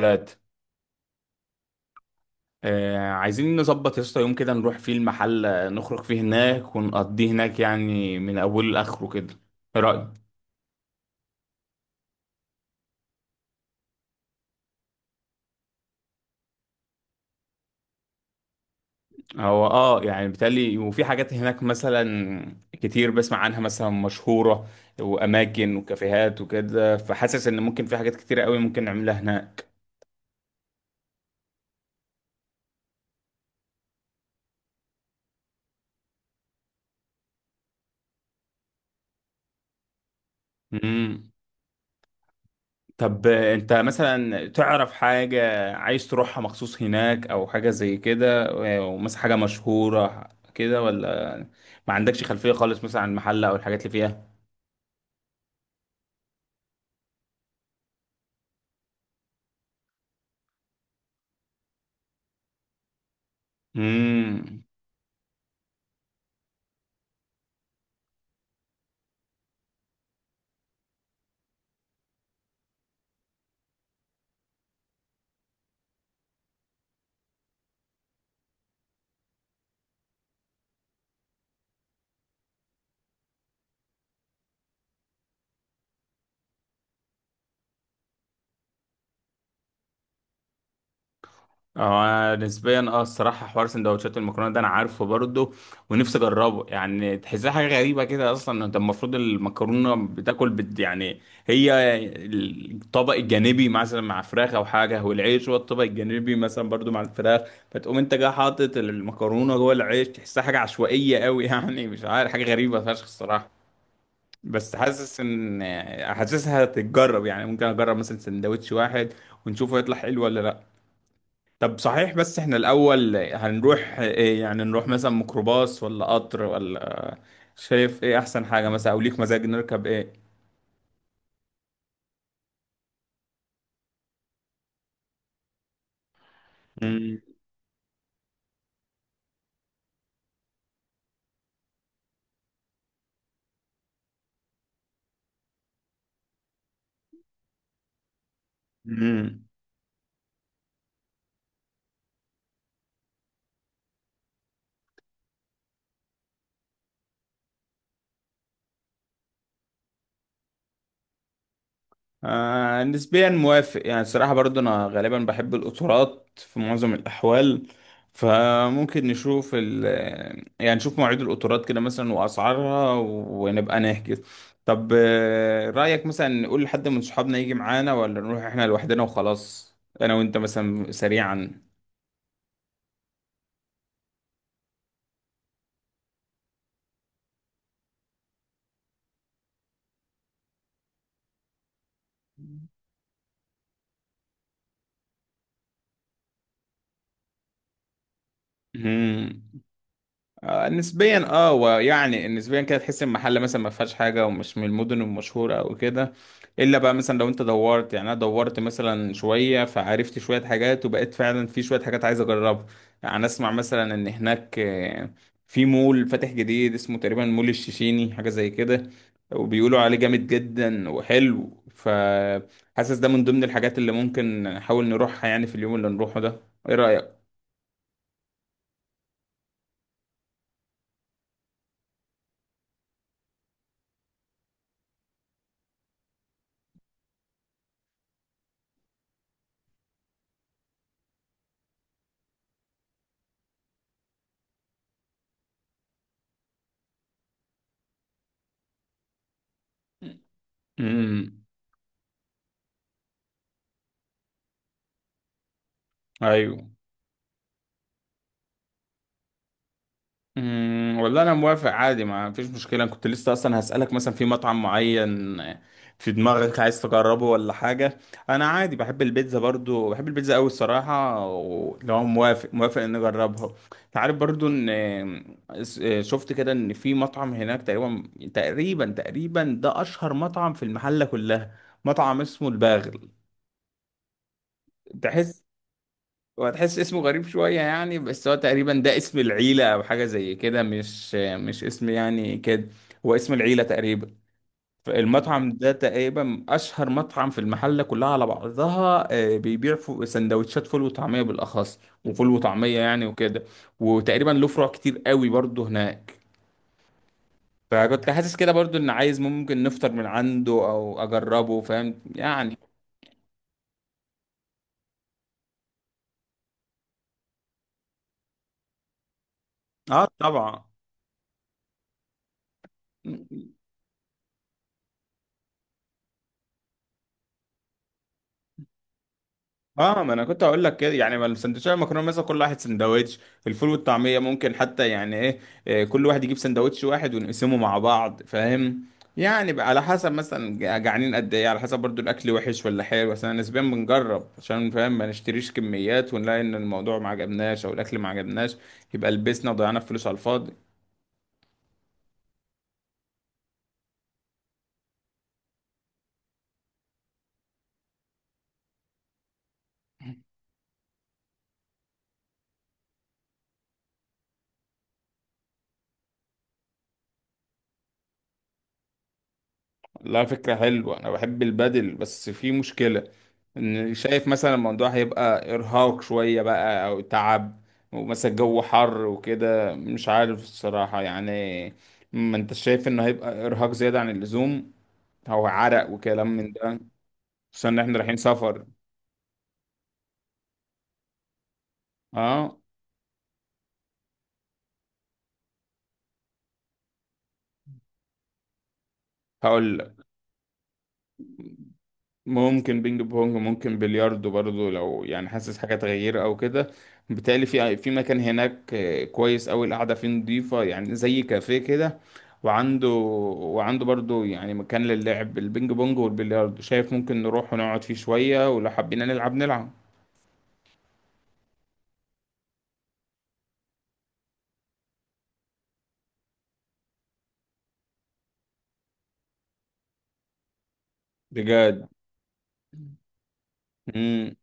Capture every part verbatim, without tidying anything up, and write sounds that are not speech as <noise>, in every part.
ثلاثة. آه عايزين نظبط يا اسطى يوم كده نروح فيه المحل، آه، نخرج فيه هناك ونقضيه هناك يعني من أوله لآخره كده. إيه رأيك؟ هو اه يعني بالتالي وفي حاجات هناك مثلا كتير بسمع عنها مثلا مشهورة وأماكن وكافيهات وكده، فحاسس إن ممكن في حاجات كتيرة قوي ممكن نعملها هناك. مم. طب انت مثلا تعرف حاجة عايز تروحها مخصوص هناك او حاجة زي كده، ومثلا حاجة مشهورة كده ولا ما عندكش خلفية خالص مثلا عن المحل او الحاجات اللي فيها؟ امم اه أنا نسبيا اه الصراحه حوار سندوتشات المكرونه ده انا عارفه برضه، ونفسي اجربه. يعني تحسها حاجه غريبه كده، اصلا انت المفروض المكرونه بتاكل، بت- يعني هي الطبق الجانبي مثلا مع فراخ او حاجه، والعيش هو الطبق الجانبي مثلا برضه مع الفراخ. فتقوم انت جاي حاطط المكرونه جوه العيش، تحسها حاجه عشوائيه قوي <laughs> يعني مش عارف، حاجه غريبه فشخ الصراحه. بس حاسس ان حاسسها تتجرب، يعني ممكن اجرب مثلا سندوتش واحد ونشوفه يطلع حلو ولا لا. طب صحيح، بس احنا الأول هنروح إيه؟ يعني نروح مثلا ميكروباص ولا قطر، ولا شايف ايه أحسن حاجة مثلا، أو ليك مزاج نركب ايه؟ مم. مم. آه نسبيا موافق، يعني الصراحة برضو أنا غالبا بحب القطارات في معظم الأحوال، فممكن نشوف ال يعني نشوف مواعيد القطارات كده مثلا وأسعارها ونبقى نحجز. طب آه، رأيك مثلا نقول لحد من صحابنا يجي معانا، ولا نروح احنا لوحدنا وخلاص، أنا وأنت مثلا سريعا؟ مم. آه نسبيا، اه ويعني نسبيا كده تحس ان المحل مثلا ما فيهاش حاجه ومش من المدن المشهوره او كده، الا بقى مثلا لو انت دورت. يعني انا دورت مثلا شويه فعرفت شويه حاجات، وبقيت فعلا في شويه حاجات عايز اجربها. يعني اسمع مثلا ان هناك آه، في مول فاتح جديد اسمه تقريبا مول الشيشيني، حاجه زي كده، وبيقولوا عليه جامد جدا وحلو، فحاسس ده من ضمن الحاجات اللي ممكن نحاول نروحها يعني في اليوم اللي نروحه ده. ايه رايك؟ مم. ايوه. امم والله انا موافق عادي، ما فيش مشكله. أنا كنت لسه اصلا هسالك مثلا في مطعم معين في دماغك عايز تجربه ولا حاجه. انا عادي بحب البيتزا، برضو بحب البيتزا قوي الصراحه، ولو موافق موافق ان نجربها. أنت عارف برضو ان إيه، شفت كده ان في مطعم هناك تقريبا تقريبا تقريبا ده اشهر مطعم في المحله كلها. مطعم اسمه الباغل. تحس، هو هتحس اسمه غريب شوية يعني، بس هو تقريبا ده اسم العيلة أو حاجة زي كده، مش مش اسم يعني كده، هو اسم العيلة تقريبا. فالمطعم ده تقريبا أشهر مطعم في المحلة كلها على بعضها آه، بيبيع فو- سندوتشات فول وطعمية بالأخص، وفول وطعمية يعني وكده، وتقريبا له فروع كتير قوي برضه هناك. فكنت حاسس كده برضه إن عايز ممكن نفطر من عنده أو أجربه فاهم يعني. اه طبعا. اه ما انا كنت هقول لك كده، يعني ما السندوتشات المكرونه مثلا كل واحد سندوتش، الفول والطعميه ممكن حتى يعني ايه، إيه، كل واحد يجيب سندوتش واحد ونقسمه مع بعض فاهم. يعني بقى على حسب مثلا جع- جعانين قد ايه، على حسب برضو الاكل وحش ولا حلو. بس انا نسبيا بنجرب عشان فاهم ما نشتريش كميات ونلاقي ان الموضوع ما عجبناش او الاكل ما عجبناش، يبقى لبسنا وضيعنا فلوس على الفاضي. لا، فكرة حلوة، أنا بحب البادل، بس في مشكلة إن شايف مثلا الموضوع هيبقى إرهاق شوية بقى أو تعب، ومثلا الجو حر وكده، مش عارف الصراحة يعني. ما أنت شايف إنه هيبقى إرهاق زيادة عن اللزوم، هو عرق وكلام من ده، خصوصا إن إحنا رايحين سفر. أه هقول ممكن بينج بونج، ممكن بلياردو برضو، لو يعني حاسس حاجة تغيير أو كده. بالتالي في في مكان هناك آه، كويس أوي القعدة فيه، نضيفة يعني زي كافيه كده، وعنده وعنده برضو يعني مكان للعب البينج بونج والبلياردو. شايف ممكن نروح ونقعد فيه شوية، ولو حبينا نلعب نلعب. بجد. مم.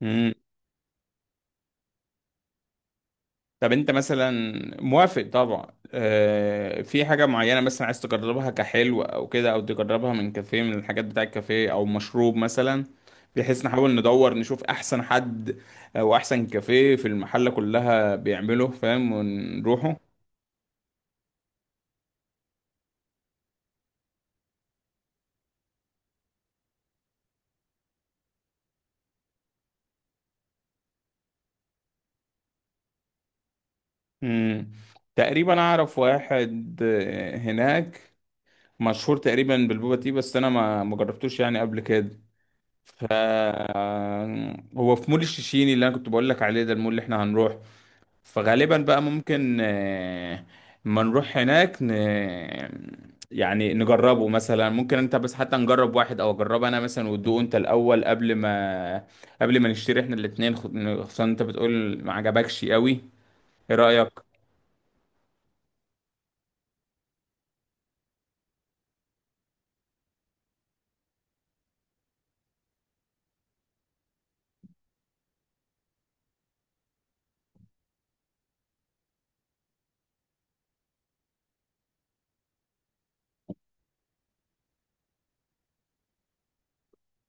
مم. طب انت مثلا، موافق طبعا، آه في حاجة معينة مثلا عايز تجربها كحلو او كده، او تجربها من كافيه من الحاجات بتاع الكافيه او مشروب مثلا، بحيث نحاول ندور نشوف احسن حد او احسن كافيه في المحلة كلها بيعمله فاهم ونروحه. مم. تقريبا اعرف واحد آه، هناك مشهور تقريبا بالبوبا تي، بس انا ما ما جربتوش يعني قبل كده. ف هو في مول الشيشيني اللي انا كنت بقول لك عليه، ده المول اللي احنا هنروح. فغالبا بقى ممكن آه، ما نروح هناك ن... يعني نجربه مثلا. ممكن انت بس حتى نجرب واحد، او اجرب انا مثلا وتدوق انت الاول قبل ما قبل ما نشتري احنا الاتنين، خ- خصوصا انت بتقول ما عجبكش قوي. ايه رأيك؟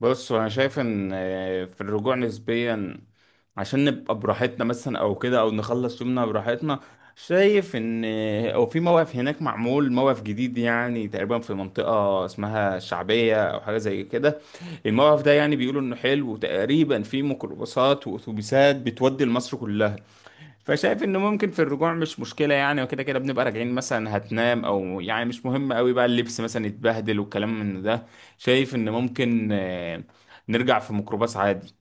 بص انا شايف ان آه، في الرجوع نسبيا، عشان نبقى براحتنا مثلا او كده، او نخلص يومنا براحتنا، شايف ان آه، او في موقف هناك معمول موقف جديد يعني تقريبا في منطقة اسمها الشعبية او حاجة زي كده. الموقف ده يعني بيقولوا انه حلو، وتقريبا في ميكروباصات واتوبيسات بتودي لمصر كلها. فشايف انه ممكن في الرجوع مش مشكله يعني، وكده كده بنبقى راجعين مثلا هتنام، او يعني مش مهم قوي بقى اللبس مثلا يتبهدل والكلام من ده. شايف ان ممكن آه، نرجع في ميكروباص عادي.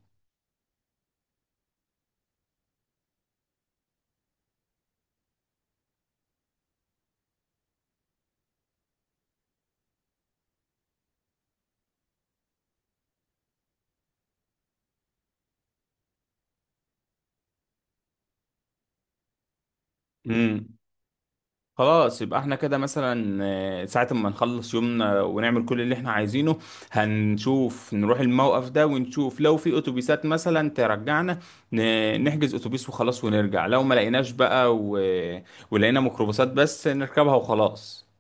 امم خلاص يبقى احنا كده مثلا آه، ساعة ما نخلص يومنا ونعمل كل اللي احنا عايزينه، هنشوف نروح الموقف ده ونشوف لو في اتوبيسات مثلا ترجعنا، ن- نحجز اتوبيس وخلاص ونرجع. لو ما لقيناش بقى و... ولقينا ميكروباصات بس نركبها وخلاص.